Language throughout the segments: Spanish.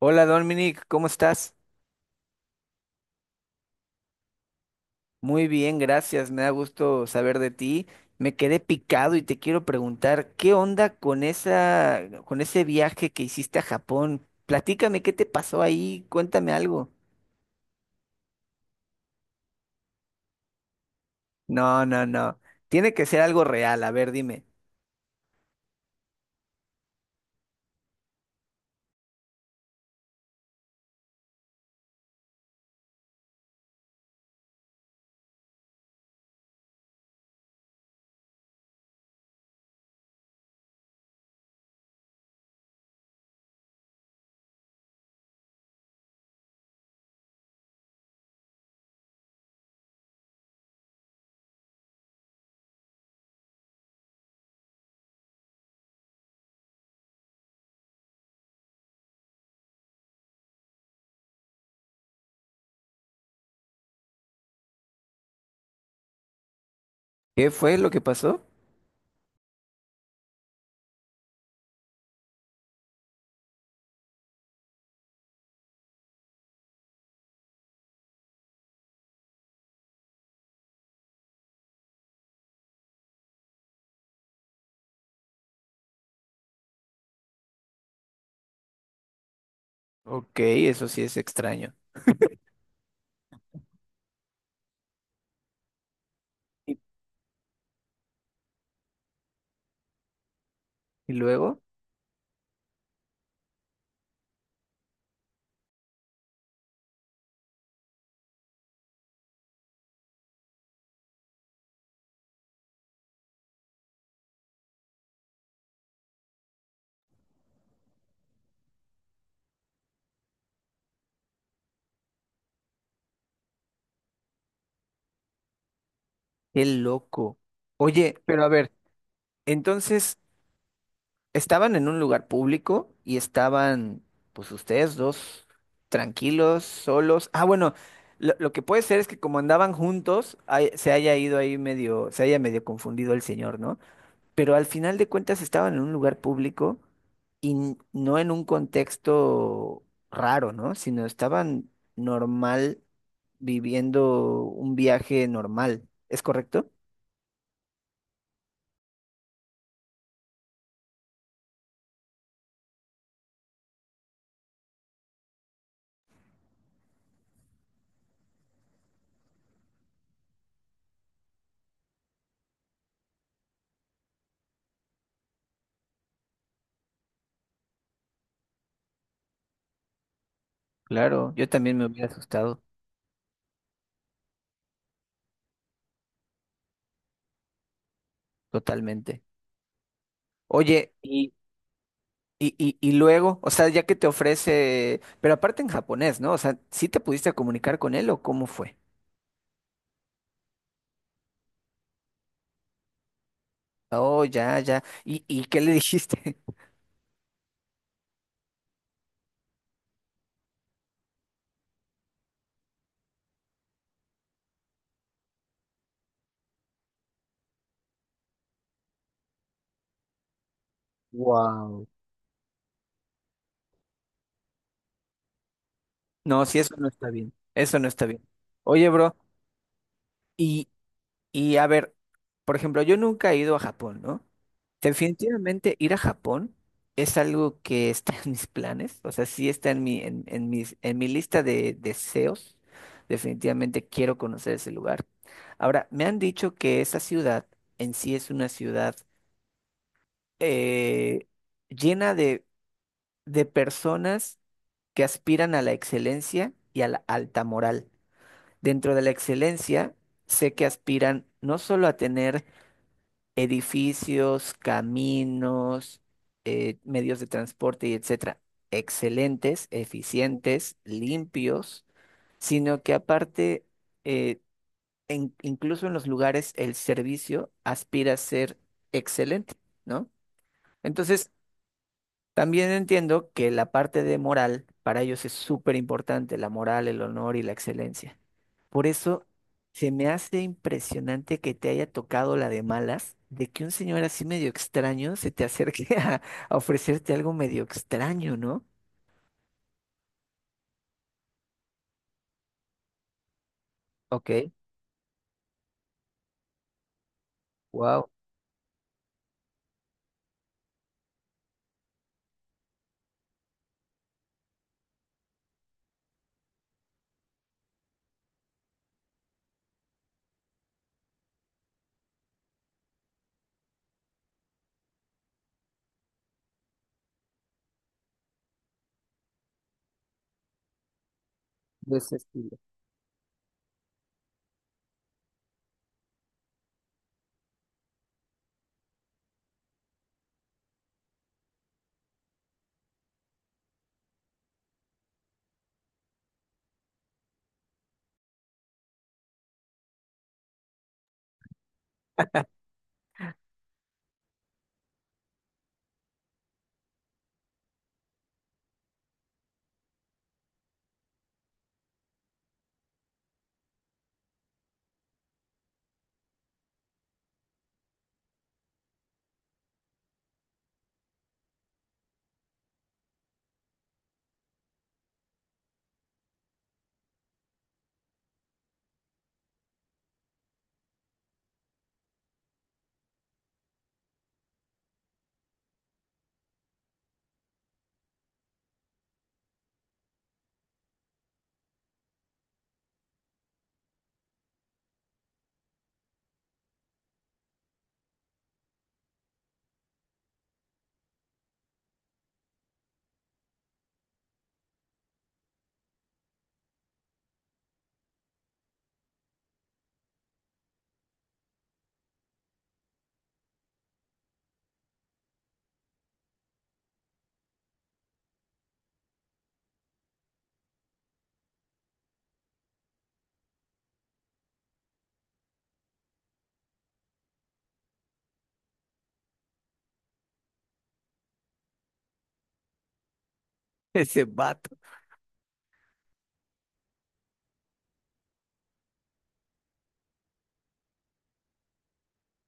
Hola Dominic, ¿cómo estás? Muy bien, gracias. Me da gusto saber de ti. Me quedé picado y te quiero preguntar, ¿qué onda con esa, con ese viaje que hiciste a Japón? Platícame, ¿qué te pasó ahí? Cuéntame algo. No, no, no. Tiene que ser algo real. A ver, dime. ¿Qué fue lo que pasó? Ok, eso sí es extraño. ¿Y luego? Qué loco. Oye, pero a ver, entonces. Estaban en un lugar público y estaban, pues ustedes dos, tranquilos, solos. Ah, bueno, lo que puede ser es que como andaban juntos, se haya ido ahí medio, se haya medio confundido el señor, ¿no? Pero al final de cuentas estaban en un lugar público y no en un contexto raro, ¿no? Sino estaban normal, viviendo un viaje normal. ¿Es correcto? Claro, yo también me hubiera asustado totalmente. Oye, y luego, o sea, ya que te ofrece, pero aparte en japonés, ¿no? O sea, ¿sí te pudiste comunicar con él o cómo fue? Oh, ya, ya. Y qué le dijiste? Wow. No, sí, eso no está bien. Eso no está bien. Oye, bro, y, y a ver, por ejemplo, yo nunca he ido a Japón, ¿no? Definitivamente ir a Japón es algo que está en mis planes, o sea, sí está en mi, en mis, en mi lista de deseos. Definitivamente quiero conocer ese lugar. Ahora, me han dicho que esa ciudad en sí es una ciudad eh, llena de personas que aspiran a la excelencia y a la alta moral. Dentro de la excelencia, sé que aspiran no solo a tener edificios, caminos, medios de transporte y etcétera, excelentes, eficientes, limpios, sino que aparte, eh, incluso en los lugares, el servicio aspira a ser excelente, ¿no? Entonces, también entiendo que la parte de moral para ellos es súper importante, la moral, el honor y la excelencia. Por eso se me hace impresionante que te haya tocado la de malas, de que un señor así medio extraño se te acerque a ofrecerte algo medio extraño, ¿no? Ok, wow, de ese estilo. Ese vato.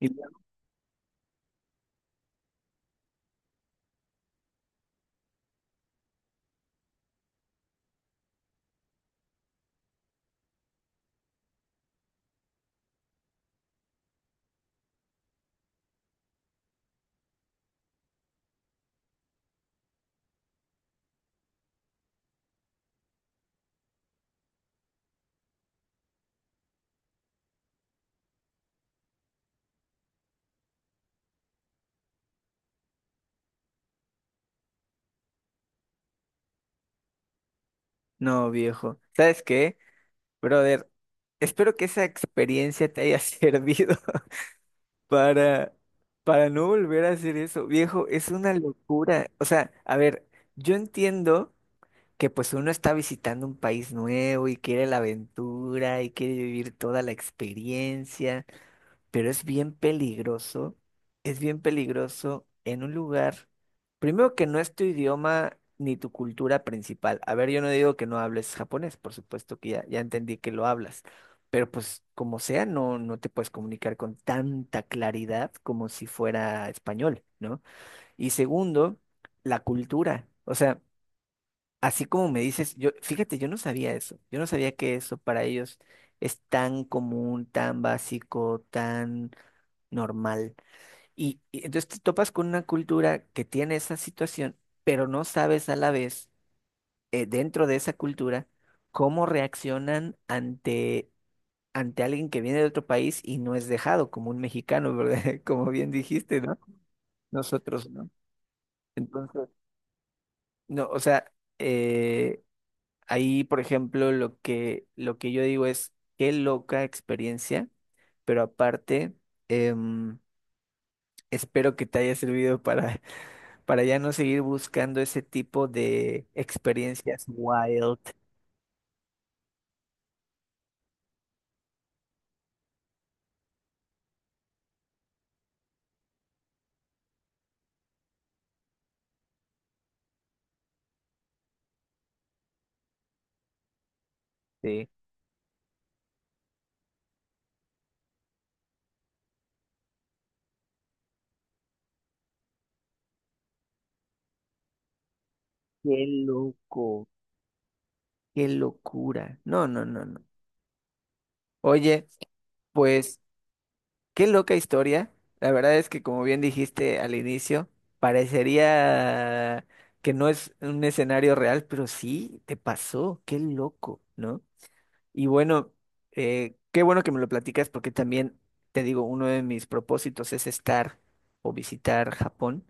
Y luego. No, viejo. ¿Sabes qué, brother? Espero que esa experiencia te haya servido para, para no volver a hacer eso. Viejo, es una locura. O sea, a ver, yo entiendo que pues uno está visitando un país nuevo y quiere la aventura y quiere vivir toda la experiencia, pero es bien peligroso en un lugar, primero que no es tu idioma ni tu cultura principal. A ver, yo no digo que no hables japonés, por supuesto que ya, ya entendí que lo hablas, pero pues como sea, no, no te puedes comunicar con tanta claridad como si fuera español, ¿no? Y segundo, la cultura. O sea, así como me dices, yo, fíjate, yo no sabía eso. Yo no sabía que eso para ellos es tan común, tan básico, tan normal. Y entonces te topas con una cultura que tiene esa situación, pero no sabes a la vez, dentro de esa cultura, cómo reaccionan ante, ante alguien que viene de otro país y no es dejado, como un mexicano, ¿verdad? Como bien dijiste, ¿no? Nosotros, ¿no? Entonces, no, o sea, eh, ahí, por ejemplo, lo que yo digo es, qué loca experiencia, pero aparte, em, espero que te haya servido para, para ya no seguir buscando ese tipo de experiencias wild, de qué loco, qué locura. No, no, no, no. Oye, pues... Qué loca historia. La verdad es que, como bien dijiste al inicio, parecería que no es un escenario real, pero sí te pasó. Qué loco, ¿no? Y bueno, qué bueno que me lo platicas porque también, te digo, uno de mis propósitos es estar o visitar Japón.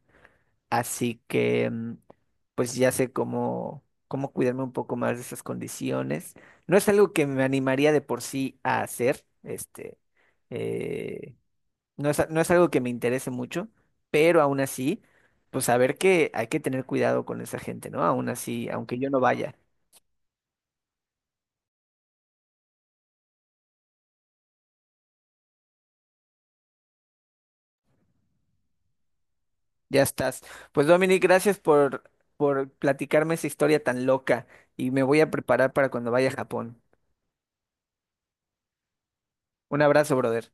Así que, mm, pues ya sé cómo, cómo cuidarme un poco más de esas condiciones. No es algo que me animaría de por sí a hacer, este. eh, no es, no es algo que me interese mucho, pero aún así, pues saber que hay que tener cuidado con esa gente, ¿no? Aún así, aunque yo no vaya, ya estás. Pues Dominic, gracias por platicarme esa historia tan loca y me voy a preparar para cuando vaya a Japón. Un abrazo, brother.